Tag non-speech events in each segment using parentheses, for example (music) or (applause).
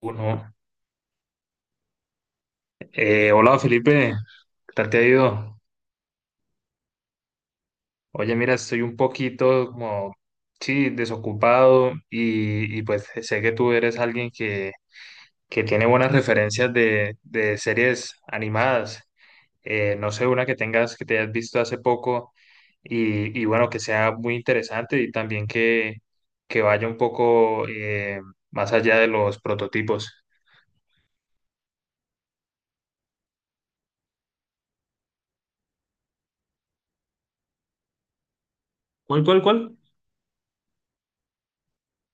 Uno. Hola Felipe, ¿qué tal te ha ido? Oye, mira, estoy un poquito como, sí, desocupado y pues sé que tú eres alguien que tiene buenas referencias de series animadas. No sé, una que tengas, que te hayas visto hace poco y bueno, que sea muy interesante y también que vaya un poco más allá de los prototipos. ¿Cuál, cuál, cuál?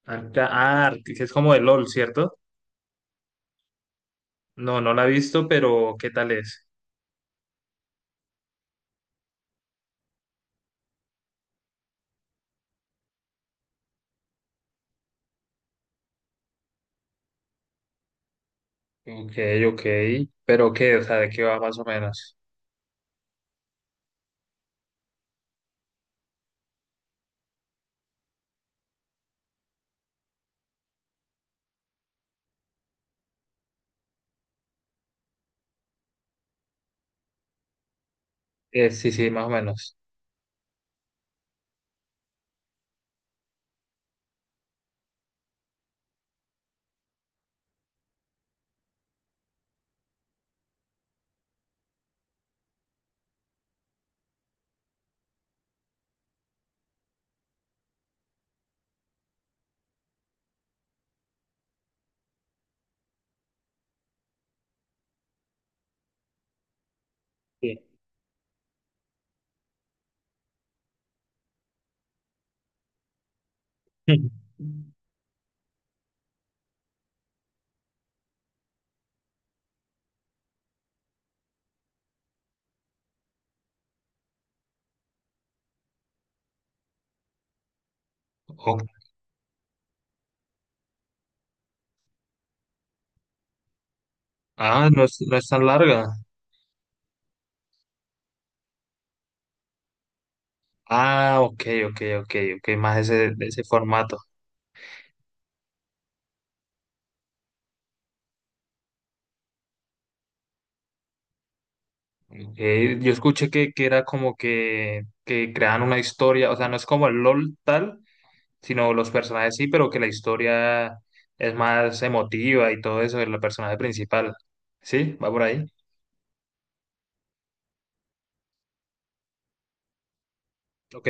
Ah, es como de LOL, ¿cierto? No, no la he visto, pero ¿qué tal es? Ok, ok. ¿Pero qué? O sea, ¿de qué va más o menos? Sí, sí, más o menos. Sí. (laughs) Ok. Ah, no es, no es tan larga. Ah, ok, ok, ok, ok, más ese, de ese formato. Yo escuché que era como que crean una historia, o sea, no es como el LOL tal, sino los personajes sí, pero que la historia es más emotiva y todo eso, el personaje principal. ¿Sí? ¿Va por ahí? Ok.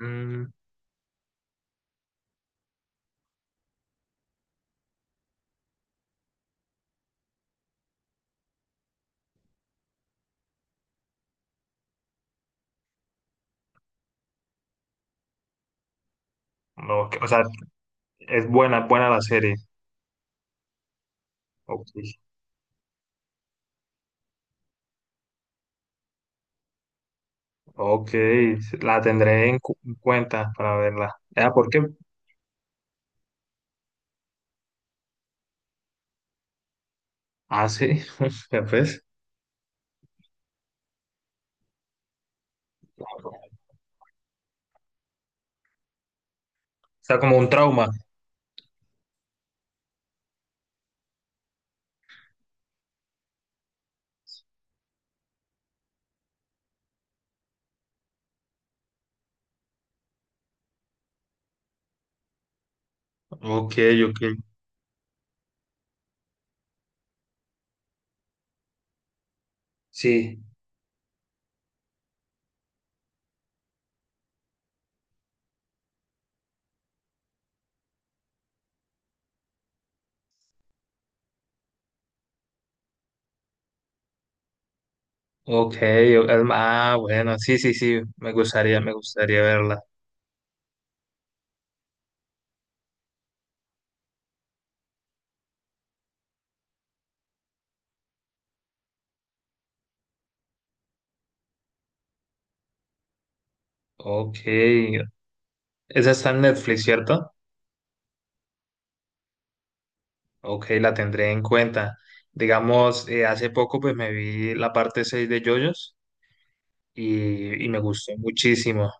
Mm, ok. O sea, es buena, buena la serie. Ok, ok, la tendré en cuenta para verla. Ah, ¿por qué? Ah, sí, (laughs) ya ves. O sea, como un trauma. Ok, ok. Sí, ok. o- Ah, bueno, sí, sí, sí. Me gustaría verla. Ok. Esa está en Netflix, ¿cierto? Ok, la tendré en cuenta. Digamos, hace poco pues me vi la parte 6 de JoJo's y me gustó muchísimo.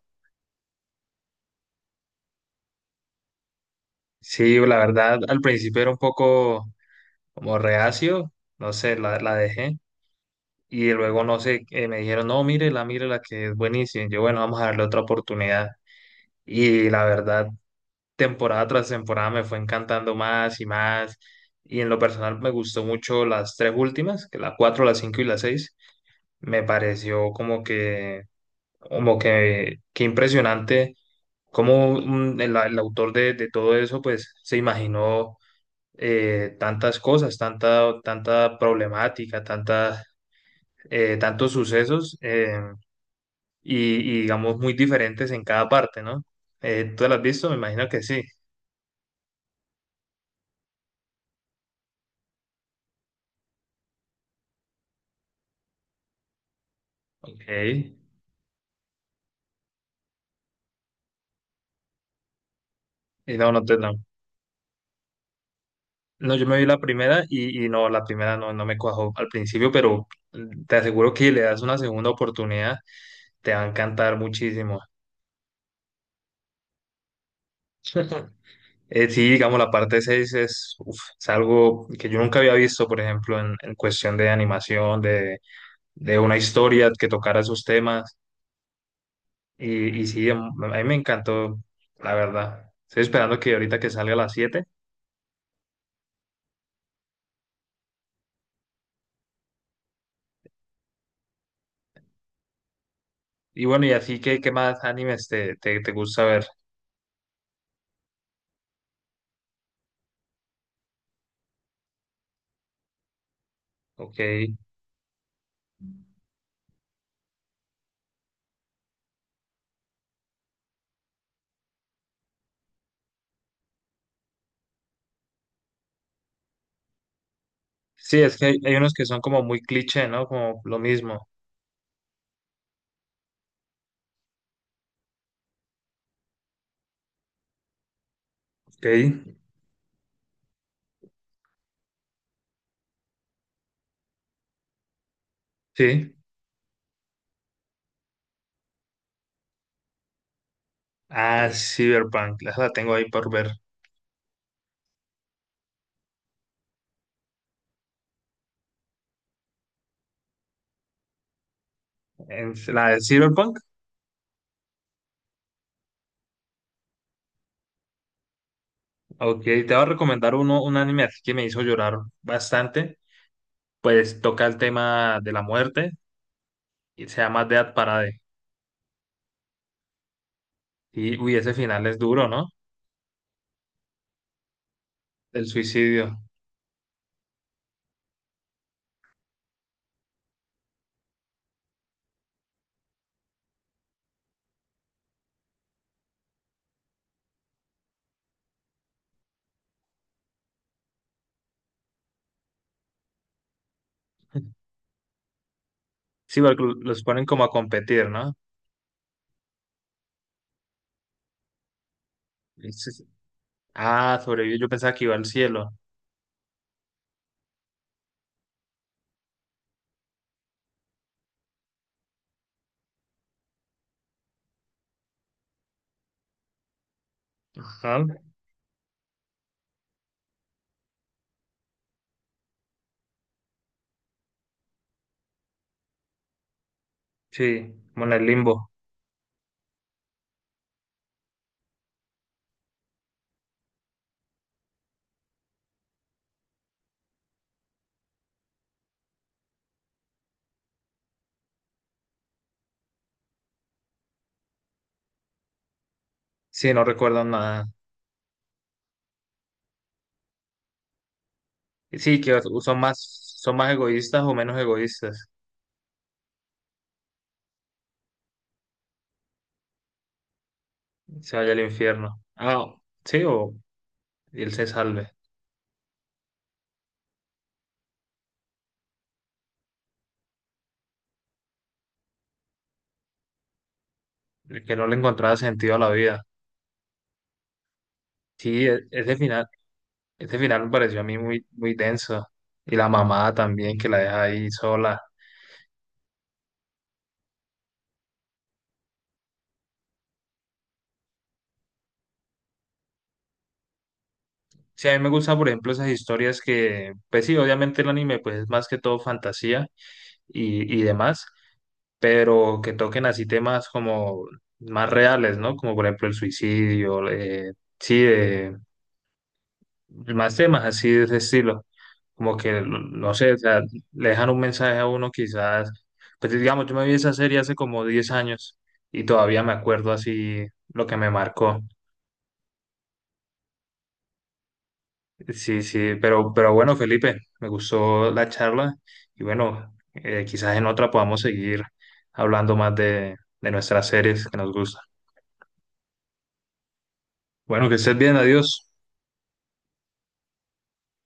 Sí, la verdad, al principio era un poco como reacio, no sé, la dejé. Y luego, no sé, me dijeron, no, mírela, mírela, que es buenísima. Y yo, bueno, vamos a darle otra oportunidad. Y la verdad, temporada tras temporada me fue encantando más y más. Y en lo personal me gustó mucho las tres últimas, que la cuatro, la cinco y la seis. Me pareció como que impresionante cómo el autor de todo eso, pues, se imaginó tantas cosas, tanta, tanta problemática, tantas, tantos sucesos digamos muy diferentes en cada parte, ¿no? ¿Tú la has visto? Me imagino que sí. Ok. Y no, no te no. No, yo me vi la primera y no, la primera no, no me cuajó al principio, pero te aseguro que le das una segunda oportunidad, te va a encantar muchísimo. (laughs) Sí, digamos, la parte 6 es, uf, es algo que yo nunca había visto, por ejemplo, en cuestión de animación, de una historia que tocara esos temas. Y sí, a mí me encantó, la verdad. Estoy esperando que ahorita que salga a las siete. Y bueno, y así, ¿qué, más animes te gusta ver? Ok. Sí, es que hay unos que son como muy cliché, ¿no? Como lo mismo. Ok. Sí. Ah, Cyberpunk. Esa la tengo ahí por ver. La de Cyberpunk. Ok, te voy a recomendar un anime así que me hizo llorar bastante. Pues toca el tema de la muerte y se llama Death Parade. Y, uy, ese final es duro, ¿no? El suicidio. Sí, porque los ponen como a competir, ¿no? Y sí, sí. Ah, sobrevivió. Yo pensaba que iba al cielo. Ajá. Sí, como en el limbo. Sí, no recuerdo nada. Sí, que son más, son más egoístas o menos egoístas. Se vaya al infierno. Ah, sí, o y él se salve. El que no le encontraba sentido a la vida. Sí, e- ese final me pareció a mí muy, muy denso. Y la mamá también, que la deja ahí sola. Sí, a mí me gusta, por ejemplo, esas historias que, pues sí, obviamente el anime pues es más que todo fantasía y demás, pero que toquen así temas como más reales, ¿no? Como por ejemplo el suicidio, sí, de, más temas así de ese estilo, como que, no sé, o sea, le dejan un mensaje a uno quizás, pues digamos, yo me vi esa serie hace como 10 años y todavía me acuerdo así lo que me marcó. Sí, sí, pero bueno, Felipe, me gustó la charla y bueno, quizás en otra podamos seguir hablando más de, nuestras series que nos gustan. Bueno, que estés bien, adiós.